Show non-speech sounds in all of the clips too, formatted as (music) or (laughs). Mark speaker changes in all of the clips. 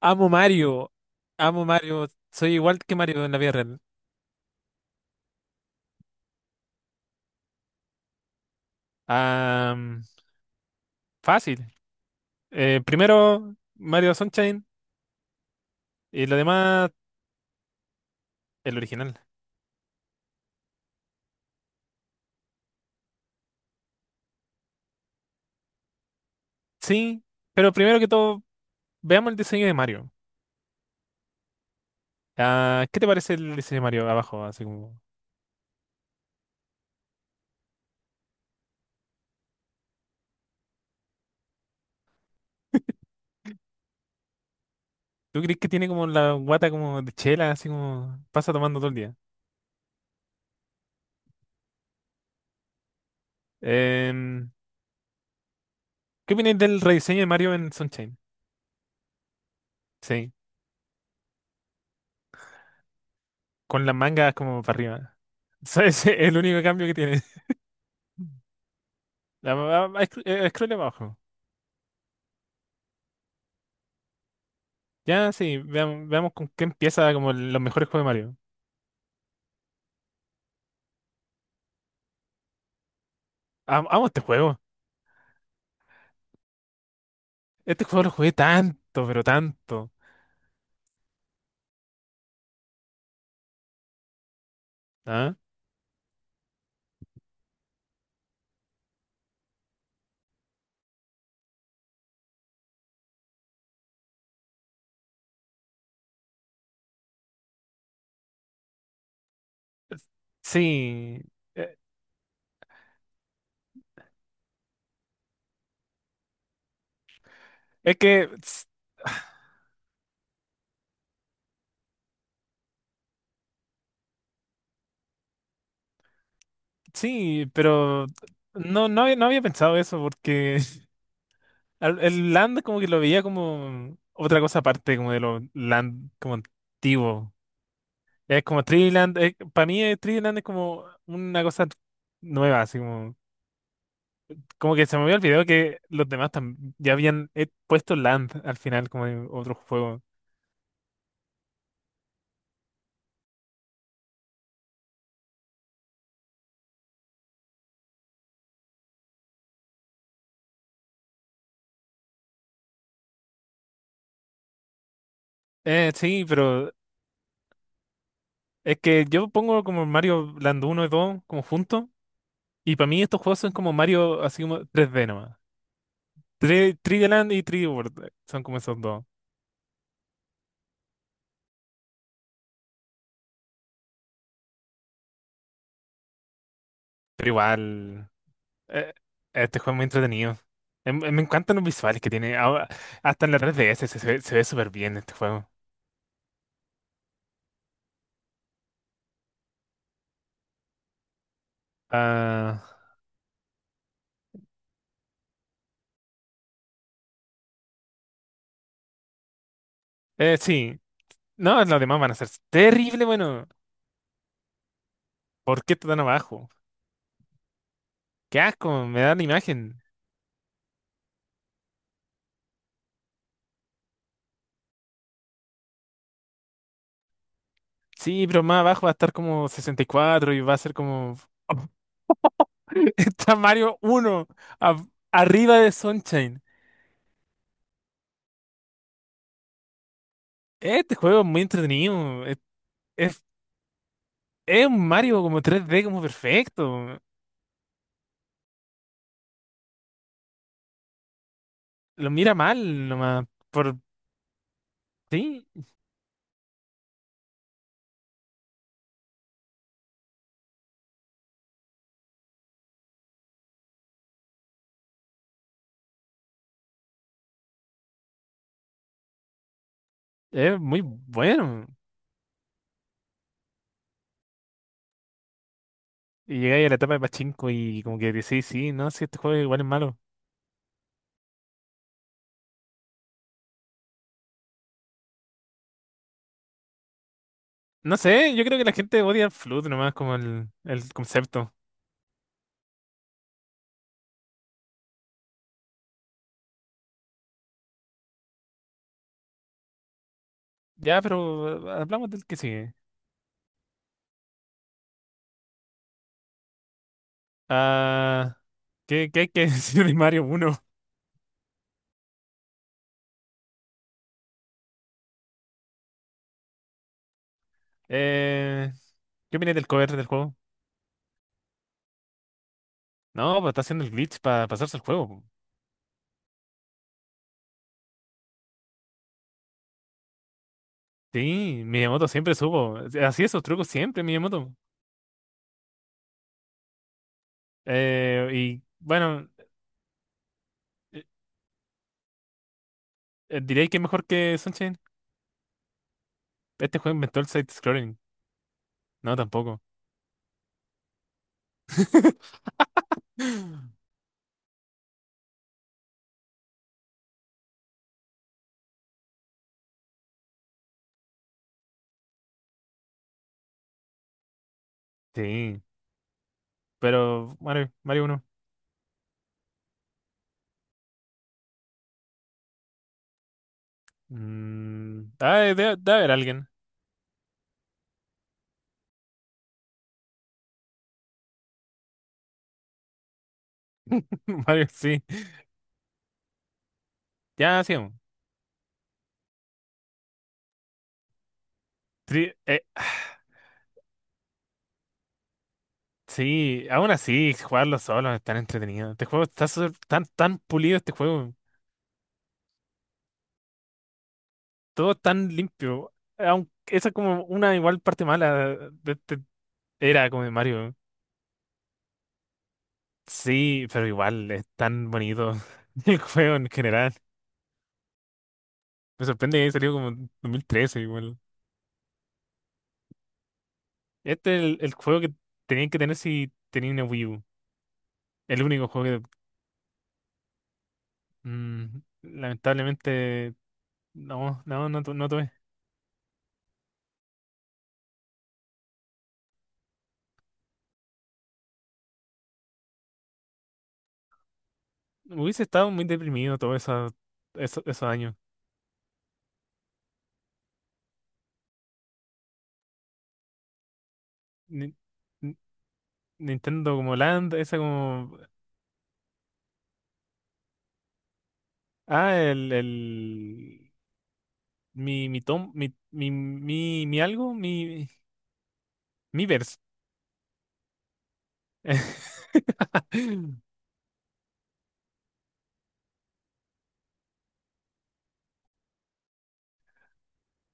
Speaker 1: Amo Mario. Amo Mario. Soy igual que Mario en la vida real. Ah, fácil. Primero, Mario Sunshine y lo demás, el original. Sí, pero primero que todo, veamos el diseño de Mario. Ah, ¿qué te parece el diseño de Mario abajo? Así como. ¿Tú crees que tiene como la guata como de chela, así como pasa tomando todo el día? Em, ¿qué opinas del rediseño de Mario en Sunshine? Sí, con las mangas como para arriba. (laughs) Ese es el único cambio que tiene. (laughs) Scroll abajo. Ya, sí, veamos, con qué empieza como los mejores juegos de Mario. Amo este juego. Este juego lo jugué tanto, pero tanto. ¿Ah? Sí. Eh, Es que sí, pero no había pensado eso porque (laughs) el Land como que lo veía como otra cosa aparte como de los Land como antiguo. Es como Tree Land, para mí Tree Land es como una cosa nueva, así como. Como que se me había olvidado que los demás ya habían puesto Land al final como en otro juego. Sí, pero es que yo pongo como Mario Land uno y 2 como juntos. Y para mí estos juegos son como Mario así como 3D nomás. 3D Land y 3D World son como esos dos. Pero igual, eh, este juego es muy entretenido. Me encantan los visuales que tiene. Ahora, hasta en la 3DS se ve súper bien este juego. Ah, sí. No, los demás van a ser terrible, bueno. ¿Por qué está tan abajo? Qué asco, me da la imagen. Sí, pero más abajo va a estar como 64 y va a ser como. (laughs) Está Mario uno a- arriba de Sunshine. Este juego es muy entretenido. Es, es un Mario como 3D como perfecto. Lo mira mal nomás. Sí, es muy bueno. Y llegáis a la etapa de Pachinko y como que decís: sí, no, sí, este juego igual es malo. No sé, yo creo que la gente odia Flood nomás como el concepto. Ya, pero hablamos del que sigue. Ah, ¿Qué hay que decir de (laughs) Mario uno? Eh, ¿Qué opinas del cover del juego? No, pues está haciendo el glitch para pasarse el juego, po. Sí, Miyamoto siempre supo. Así esos trucos siempre, Miyamoto. Y bueno, eh, diréis que es mejor que Sunshine. Este juego inventó el side-scrolling. No, tampoco. (laughs) Sí, pero Mario, Mario uno. Ah, debe haber alguien. (laughs) Mario, sí. Ya, sigamos. Tri- eh, Sí, aún así, jugarlo solo es tan entretenido. Este juego está tan pulido, este juego. Todo tan limpio. Aunque esa es como una igual parte mala de era como de Mario. Sí, pero igual es tan bonito (laughs) el juego en general. Me sorprende que haya salido como en 2013 igual. Este es el juego que tenían que tener si tenían una Wii U. El único juego que lamentablemente no tuve. Hubiese estado muy deprimido todos esos años. Ni- Ni- Nintendo como Land, esa como. Ah, Mi, mi tom, mi algo, Miiverse. (laughs)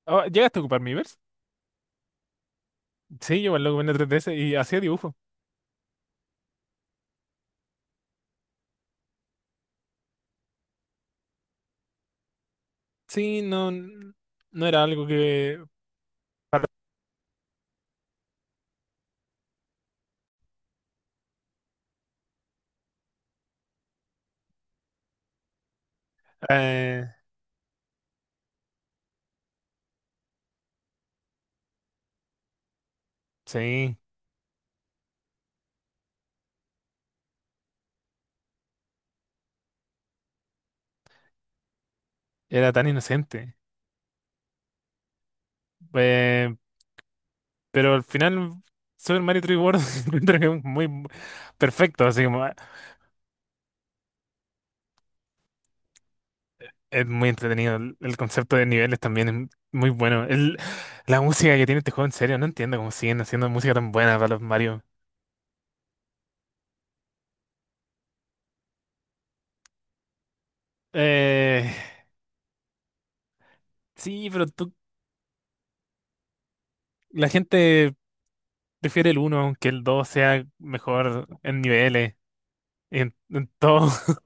Speaker 1: Oh, ¿llegaste a ocupar Miiverse? Sí, yo igual lo ocupé en la 3DS y hacía dibujo. Sí, no, no era algo que. Para- eh, sí, era tan inocente. Eh, pero al final, Super Mario 3D World (laughs) encuentro que es muy perfecto, así como. Es muy entretenido. El concepto de niveles también es muy bueno. La música que tiene este juego, en serio, no entiendo cómo siguen haciendo música tan buena para los Mario. Eh, sí, pero la gente prefiere el uno aunque el 2 sea mejor en niveles, en todo. (laughs)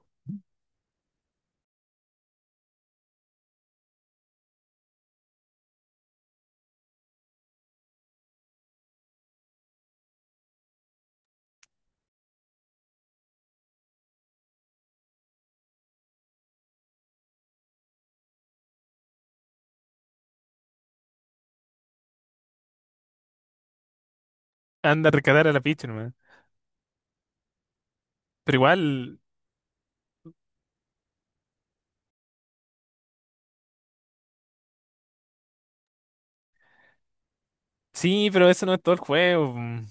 Speaker 1: Anda a rescatar a la Peach nomás. Pero igual, sí, pero eso no es todo el juego. Mm.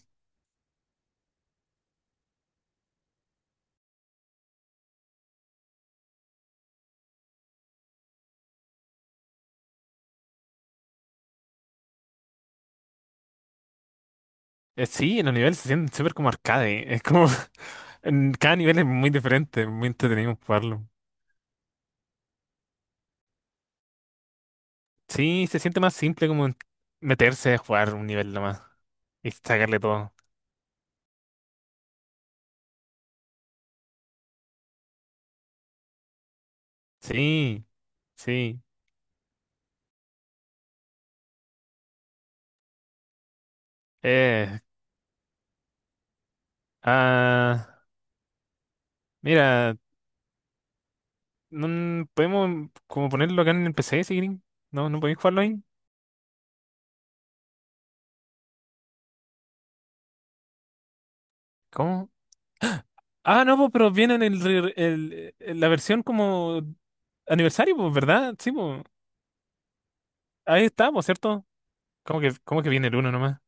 Speaker 1: Sí, los niveles se sienten súper como arcade. Es como, (laughs) en cada nivel es muy diferente, muy entretenido jugarlo. Sí, se siente más simple como meterse a jugar un nivel nomás y sacarle todo. Sí, sí. Eh, ah, mira, no, podemos como ponerlo acá en el PC si quieren. No, no podéis jugarlo ahí. ¿Cómo? Ah, no, pues, pero viene en el, re- el- la versión como aniversario, pues, ¿verdad? Sí, pues. Ahí está, pues, ¿cierto? Cómo que viene el uno nomás?